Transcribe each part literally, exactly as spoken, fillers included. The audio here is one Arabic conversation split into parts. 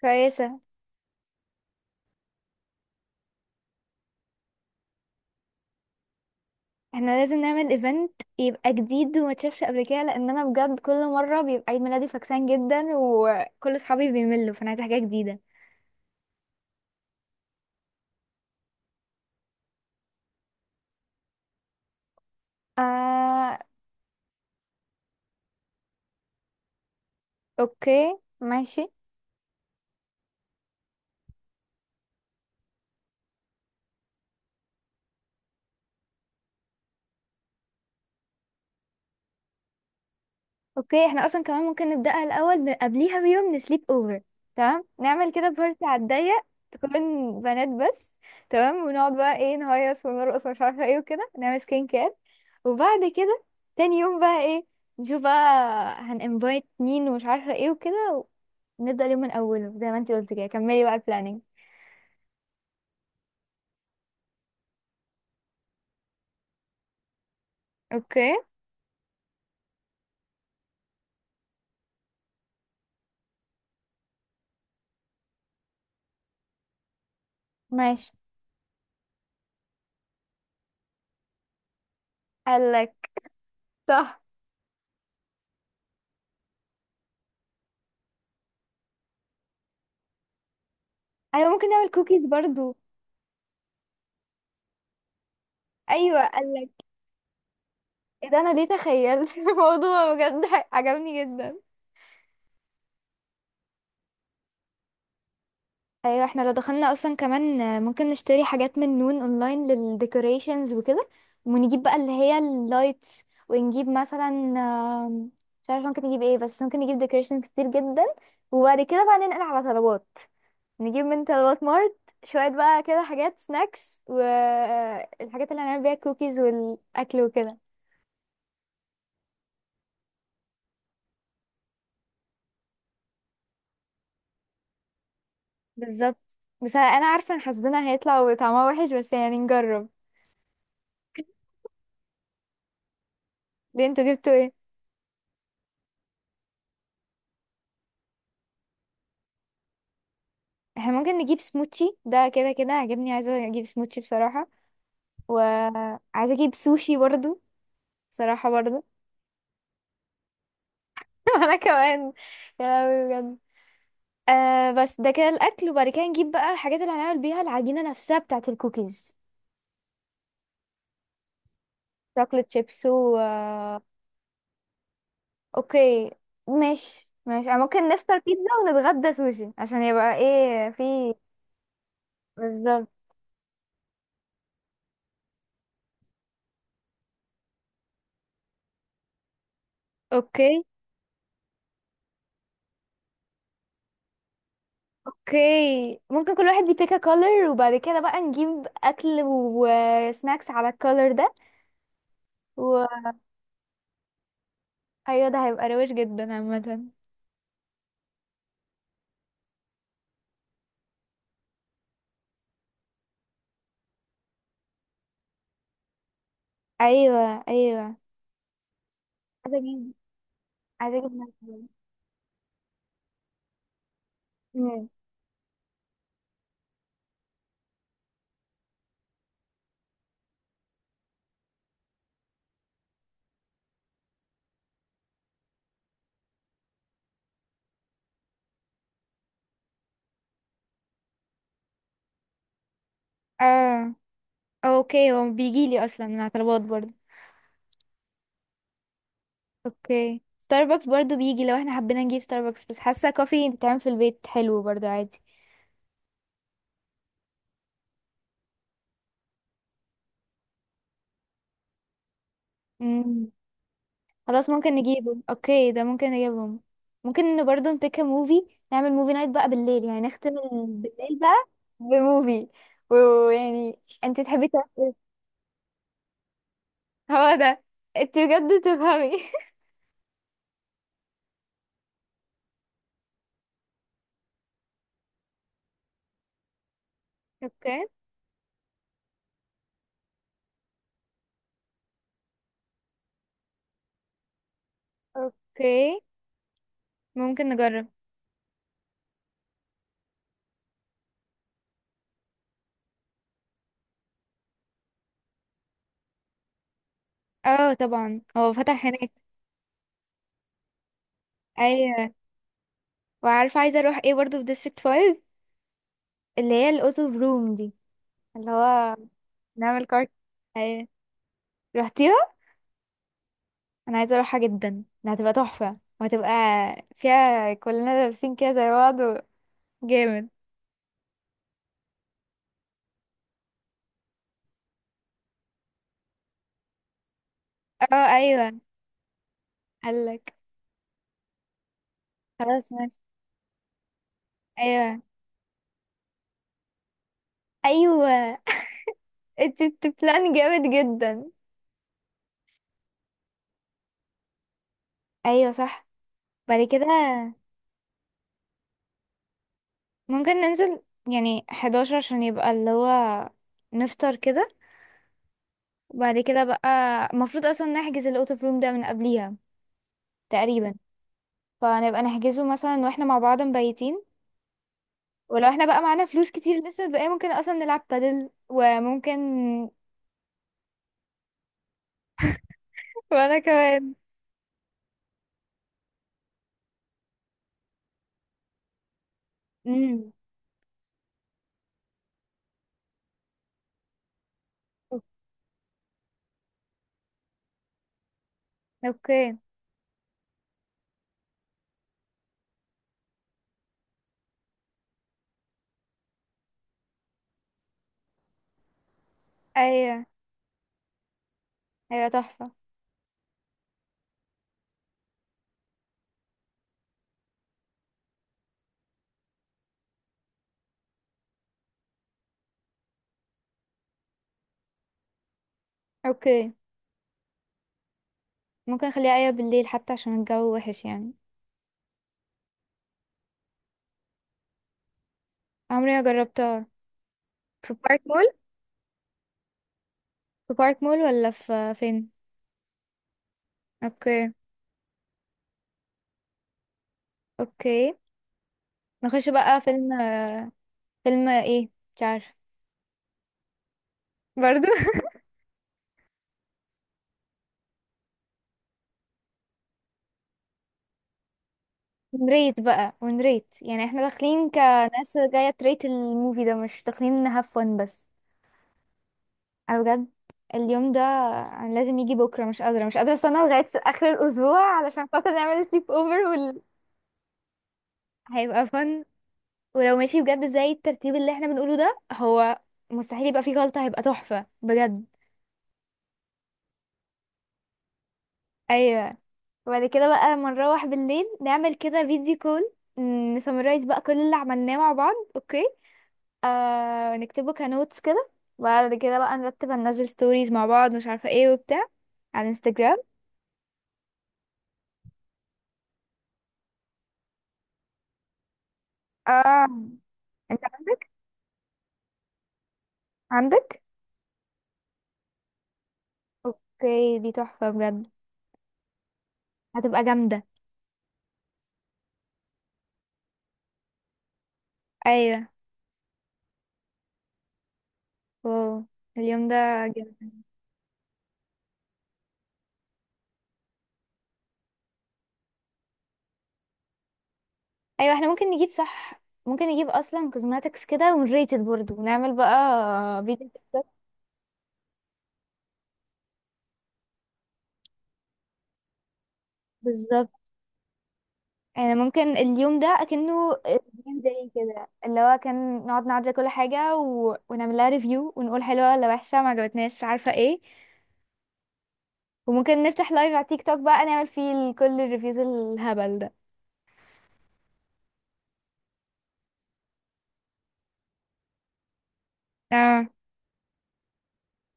كويسة. احنا لازم نعمل ايفنت يبقى جديد وما تشافش قبل كده، لان انا بجد كل مرة بيبقى عيد ميلادي فكسان جدا وكل صحابي بيملوا، فانا عايزة حاجة جديدة. آه. اوكي، ماشي. اوكي، احنا اصلا كمان ممكن نبدأها الاول ب- قبليها بيوم نسليب اوفر. تمام، نعمل كده بارتي على الضيق. تكون بنات بس. تمام، ونقعد بقى ايه نهيص ونرقص ومش عارفة ايه وكده نعمل سكين كير. وبعد كده تاني يوم بقى ايه، نشوف بقى هنانفايت مين ومش عارفه ايه وكده. نبدأ اليوم من أوله زي ما انتي قلتي، كده كملي بقى البلاننج. اوكي، ماشي. قالك صح. أيوة ممكن نعمل كوكيز برضو. أيوة قالك. ايه ده، أنا ليه تخيلت الموضوع بجد؟ عجبني جدا. أيوة، احنا لو دخلنا أصلا كمان آه، ممكن نشتري حاجات من نون أونلاين للديكوريشنز وكده. ونجيب بقى اللي هي اللايتس، ونجيب مثلا آم، مش عارفة ممكن نجيب ايه، بس ممكن نجيب ديكوريشنز كتير جدا. وبعد كده بقى ننقل على طلبات، نجيب من الوات مارت شوية بقى كده حاجات سناكس والحاجات اللي هنعمل بيها الكوكيز والأكل وكده. بالظبط، بس أنا عارفة إن حظنا هيطلع وطعمها وحش، بس يعني نجرب. ليه، انتوا جبتوا ايه؟ احنا ممكن نجيب سموتشي، ده كده كده عجبني، عايزة أجيب سموتشي بصراحة. وعايزة أجيب سوشي برضو، بصراحة برضو وأنا كمان. يا لهوي بجد. آه بس ده كده الأكل، وبعد كده نجيب بقى الحاجات اللي هنعمل بيها العجينة نفسها بتاعة الكوكيز، شوكليت شيبس و اوكي. ماشي ماشي، أنا ممكن نفطر بيتزا ونتغدى سوشي عشان يبقى ايه في. بالظبط. اوكي. اوكي، ممكن كل واحد يبيك كولر وبعد كده بقى نجيب اكل وسناكس على الكولر ده. وايوه، ده هيبقى روش جدا عامة. ايوه ايوه. عايزه اجيب عايزه اجيب ناس برضه. مم. اه. اوكي، هو بيجيلي اصلا من على طلبات برضه. اوكي، ستاربكس برضو بيجي لو احنا حبينا نجيب ستاربكس، بس حاسه كوفي بتتعمل في البيت حلو برضو عادي. مم. خلاص، ممكن نجيبه. اوكي، ده ممكن نجيبهم. ممكن برضو نبيك موفي، نعمل موفي نايت بقى بالليل، يعني نختم ال- بالليل بقى بموفي. ويعني انت تحبي تاكل. هو ده. انت بجد تفهمي اوكي. اوكي، ممكن نجرب. اه طبعا، هو فتح هناك. ايوه، وعارفه عايزه اروح ايه برضو في ديستريكت خمسة؟ اللي هي الاوتو روم دي، اللي هو نعمل كارت. ايوه. رحتيها؟ انا عايزه اروحها جدا، ده هتبقى تحفه. وهتبقى فيها كلنا لابسين كده زي بعض و- جامد. اه ايوه. قالك. خلاص ماشي. ايوه ايوه. انت بلان جامد جدا. ايوه صح. بعد كده ممكن ننزل يعني حداشر عشان يبقى اللي هو نفطر كده. وبعد كده بقى المفروض اصلا نحجز الاوتو روم ده من قبليها تقريبا. فنبقى نحجزه مثلا واحنا مع بعض مبيتين. ولو احنا بقى معانا فلوس كتير لسه بقى، ممكن اصلا نلعب بادل وممكن وانا كمان. امم. اوكي. ايوه، ايوه تحفة. اوكي، ممكن اخليها ايوه بالليل حتى عشان الجو وحش يعني. عمري ما جربتها. في بارك مول. في بارك مول ولا في فين؟ اوكي. اوكي، نخش بقى فيلم آه، فيلم ايه؟ مش عارفه. برضو نريت بقى ونريت، يعني احنا داخلين كناس جاية تريت الموفي ده، مش داخلين نهاف فن بس. انا بجد اليوم ده، انا لازم يجي بكره، مش قادره مش قادره استنى لغايه اخر الاسبوع علشان خاطر نعمل سليب اوفر وال... هيبقى فن. ولو ماشي بجد زي الترتيب اللي احنا بنقوله ده، هو مستحيل يبقى فيه غلطه، هيبقى تحفه بجد. ايوه. وبعد كده بقى لما نروح بالليل نعمل كده فيديو كول، نسمرايز بقى كل اللي عملناه مع بعض. اوكي. آه نكتبه كنوتس كده. وبعد كده بقى نرتب هننزل ستوريز مع بعض، مش عارفه ايه وبتاع، على انستجرام. اه. انت عندك؟ عندك؟ اوكي، دي تحفة بجد. هتبقى جامدة. ايوه. واو، اليوم ده جامد. ايوه، احنا ممكن نجيب، صح ممكن نجيب اصلا كوزماتكس كده ونريتد برضه، ونعمل بقى فيديو تيك توك. بالظبط. يعني ممكن اليوم ده اكنه ريفيو داي، كده اللي هو كان نقعد نعدل كل حاجة و... ونعمل لها ريفيو ونقول حلوة ولا وحشة ما عجبتناش عارفة ايه. وممكن نفتح لايف على تيك توك بقى، نعمل فيه ال- كل الريفيوز الهبل ده. اه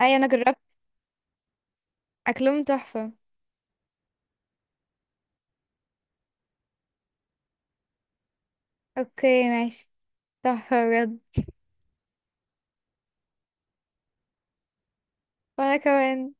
ايوه. انا جربت. اكلهم تحفة. اوكي ماشي. تحفة بجد. وأنا كمان.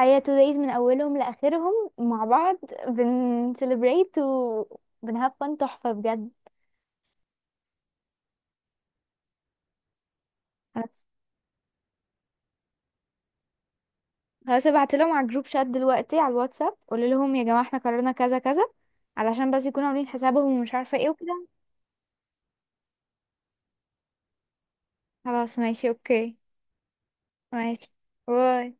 هي تو دايز من اولهم لاخرهم مع بعض، بن celebrate و بن have fun، تحفه بجد. خلاص. خلاص، ابعت لهم على الجروب شات دلوقتي على الواتساب، قول لهم يا جماعة احنا قررنا كذا كذا، علشان بس يكونوا عاملين حسابهم ومش عارفة ايه وكده. خلاص ماشي. اوكي ماشي. باي.